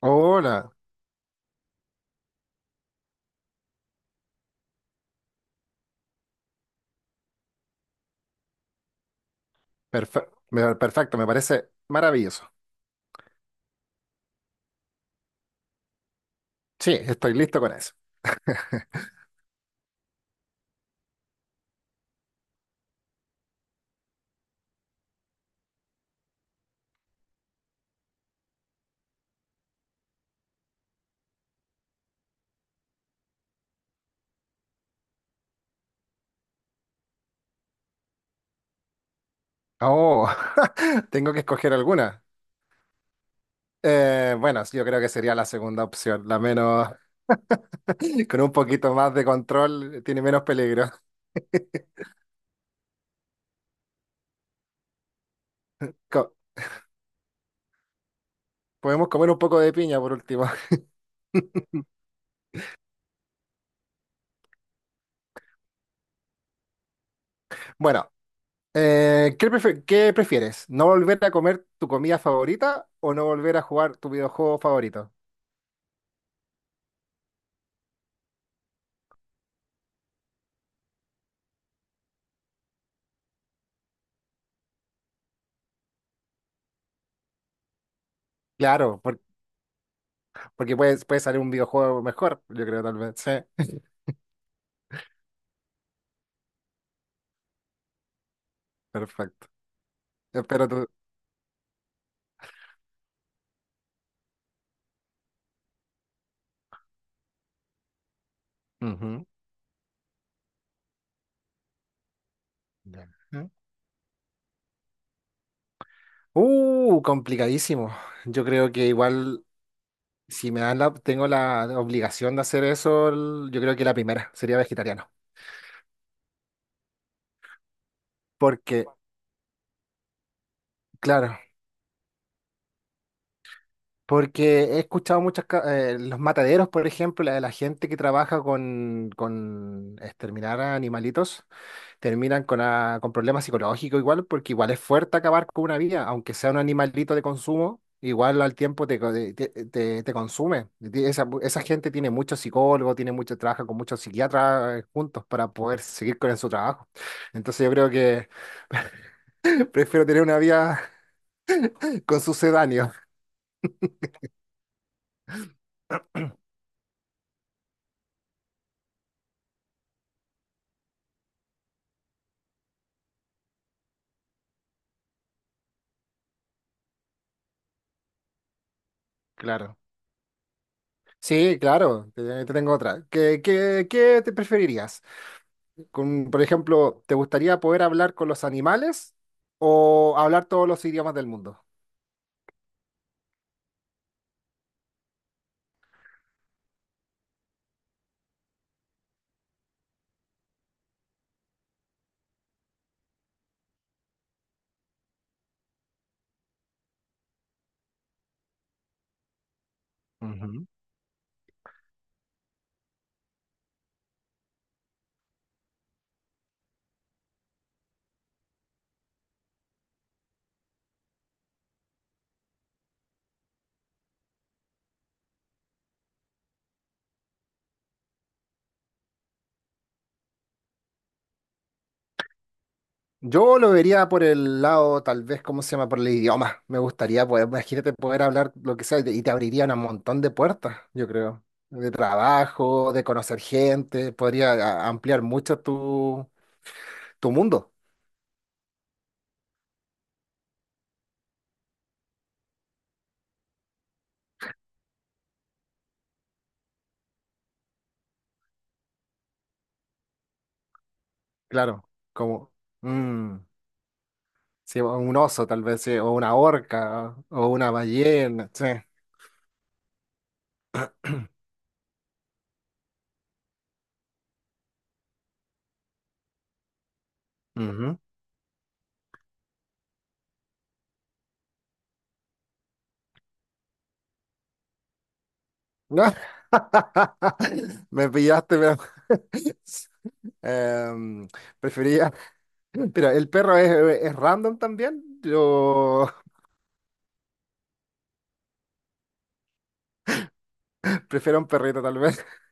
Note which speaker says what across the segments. Speaker 1: Hola, perfecto, me parece maravilloso. Sí, estoy listo con eso. Oh, tengo que escoger alguna. Bueno, yo creo que sería la segunda opción, la menos, con un poquito más de control, tiene menos peligro. Co- Podemos comer un poco de piña por último. Bueno, ¿qué prefieres? ¿No volver a comer tu comida favorita o no volver a jugar tu videojuego favorito? Claro, porque puede salir un videojuego mejor, yo creo tal vez. Sí, perfecto. Espero tu, ujú. Ya. Ujú. Complicadísimo. Yo creo que igual, si me dan la, tengo la obligación de hacer eso, yo creo que la primera sería vegetariano. Porque, claro, porque he escuchado los mataderos, por ejemplo, la de la gente que trabaja con exterminar a animalitos. Terminan con problemas psicológicos igual, porque igual es fuerte acabar con una vida, aunque sea un animalito de consumo, igual al tiempo te, co- te- te consume. Esa gente tiene muchos psicólogos, tiene mucho trabajo con muchos psiquiatras juntos para poder seguir con su trabajo. Entonces yo creo que prefiero tener una vida con sucedáneo. Claro. Sí, claro, te tengo otra. ¿Qué te preferirías? Con, por ejemplo, ¿te gustaría poder hablar con los animales o hablar todos los idiomas del mundo? Ujú. Yo lo vería por el lado, tal vez, ¿cómo se llama? Por el idioma. Me gustaría poder, imagínate poder hablar lo que sea y te abrirían un montón de puertas, yo creo. De trabajo, de conocer gente, podría ampliar mucho tu, tu mundo, claro. Como mm, sí, o un oso, tal vez, sí, o una orca, o una ballena, sí. Ujú. Me pillaste, pero... Em, prefería. Mira, el perro es random también. Yo prefiero un perrito tal vez.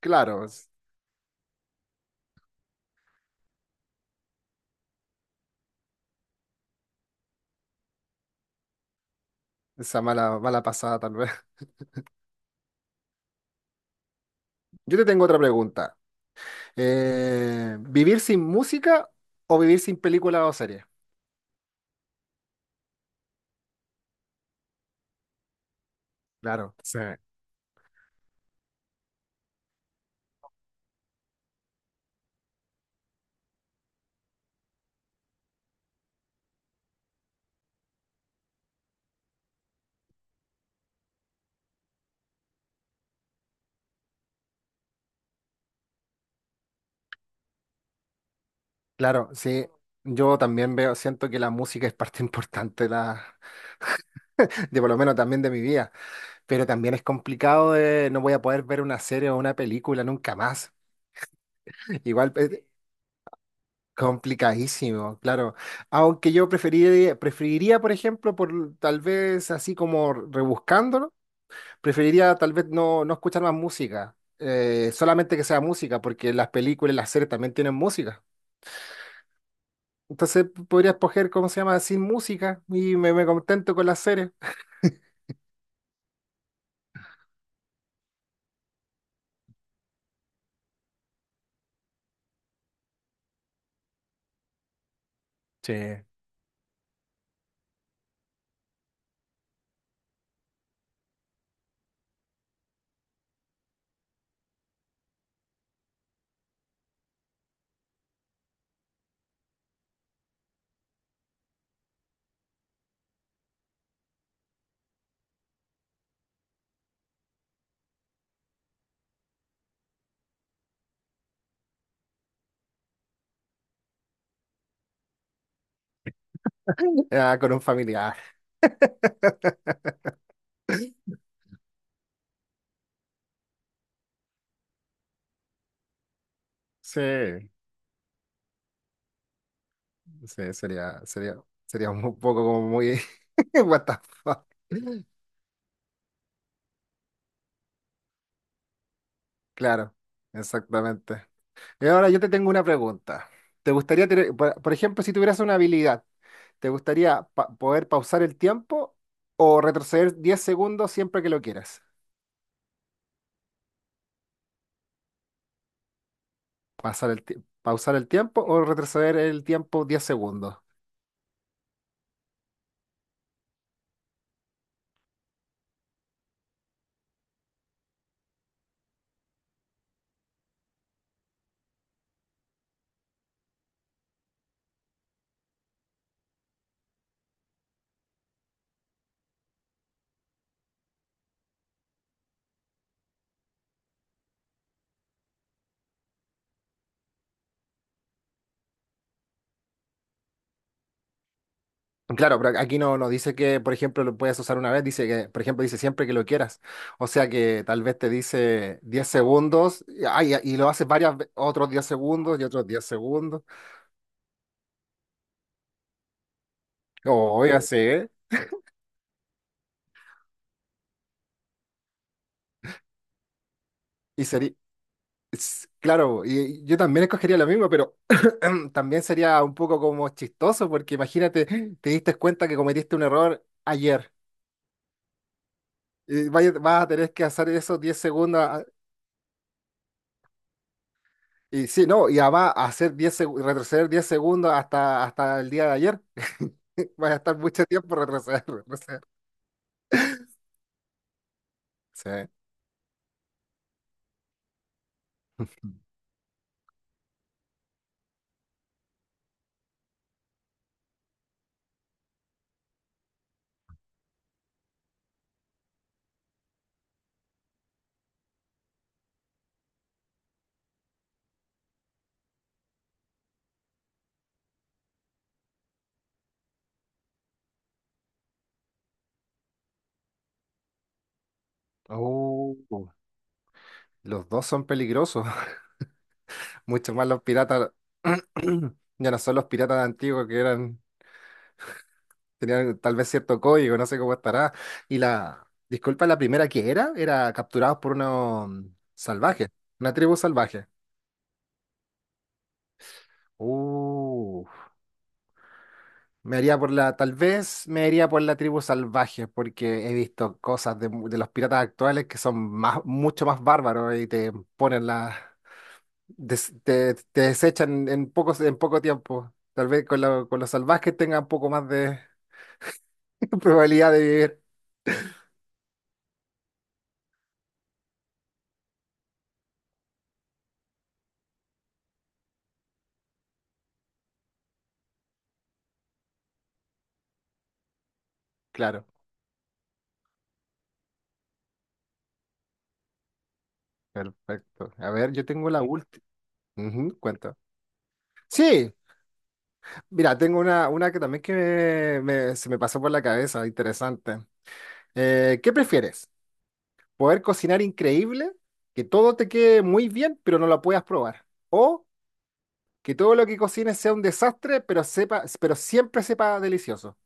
Speaker 1: Claro, esa mala, mala pasada tal vez. Yo te tengo otra pregunta. ¿Vivir sin música o vivir sin película o serie? Claro, sí. Claro, sí. Yo también veo, siento que la música es parte importante de, la, de por lo menos también de mi vida, pero también es complicado de no voy a poder ver una serie o una película nunca más. Igual, complicadísimo, claro. Aunque yo preferiría, por ejemplo, por tal vez así como rebuscándolo, preferiría tal vez no escuchar más música, solamente que sea música, porque las películas y las series también tienen música. Entonces podría escoger, ¿cómo se llama? Sin música y me contento con las series. Sí. Ah, con un familiar. Sí, sí, sería un poco como muy... What the fuck. Claro, exactamente. Y ahora yo te tengo una pregunta. ¿Te gustaría tener, por ejemplo, si tuvieras una habilidad, te gustaría poder pausar el tiempo o retroceder 10 segundos siempre que lo quieras? Pasar el ti- Pausar el tiempo o retroceder el tiempo 10 segundos. Claro, pero aquí no, nos dice que, por ejemplo, lo puedes usar una vez, dice que, por ejemplo, dice siempre que lo quieras. O sea que tal vez te dice 10 segundos y, ay, y lo haces varias otros 10 segundos y otros 10 segundos. O ya sé, y sería. Claro, y yo también escogería lo mismo, pero también sería un poco como chistoso, porque imagínate, te diste cuenta que cometiste un error ayer. Y vas a tener que hacer eso 10 segundos. A- Y sí, no, y además hacer retroceder 10 segundos hasta, hasta el día de ayer. Vas a estar mucho tiempo retroceder. Sí. Oh, los dos son peligrosos. Mucho más los piratas. Ya no son los piratas antiguos que eran. Tenía tal vez cierto código, no sé cómo estará. Y la, disculpa, la primera que era, era capturados por unos salvajes, una tribu salvaje. Uh, me haría por tal vez me haría por la tribu salvaje, porque he visto cosas de los piratas actuales que son más, mucho más bárbaros y te ponen la, te desechan en en poco tiempo. Tal vez con los salvajes tengan un poco más de probabilidad de vivir. Claro. Perfecto. A ver, yo tengo la última. Ujú, cuenta. Sí, mira, tengo una que también que se me pasó por la cabeza, interesante. ¿Qué prefieres? ¿Poder cocinar increíble, que todo te quede muy bien, pero no lo puedas probar? ¿O que todo lo que cocines sea un desastre, pero sepa, pero siempre sepa delicioso?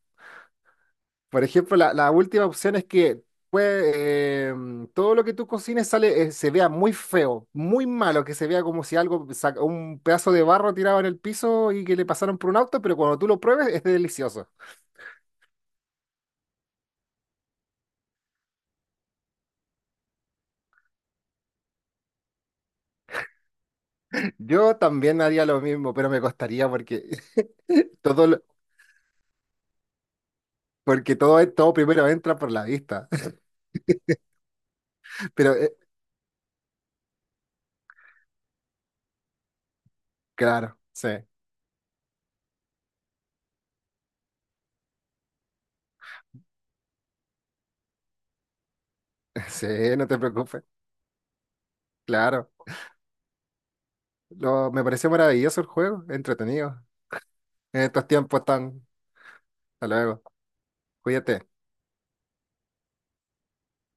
Speaker 1: Por ejemplo, la última opción es que pues, todo lo que tú cocines sale, se vea muy feo, muy malo, que se vea como si algo, un pedazo de barro tirado en el piso y que le pasaron por un auto, pero cuando tú lo pruebes es delicioso. Yo también haría lo mismo, pero me costaría porque todo, lo- porque todo, todo primero entra por la vista. Pero claro, sí, sí, no te preocupes, claro. Lo, me pareció maravilloso el juego, entretenido. En estos tiempos tan... Hasta luego, cuídate.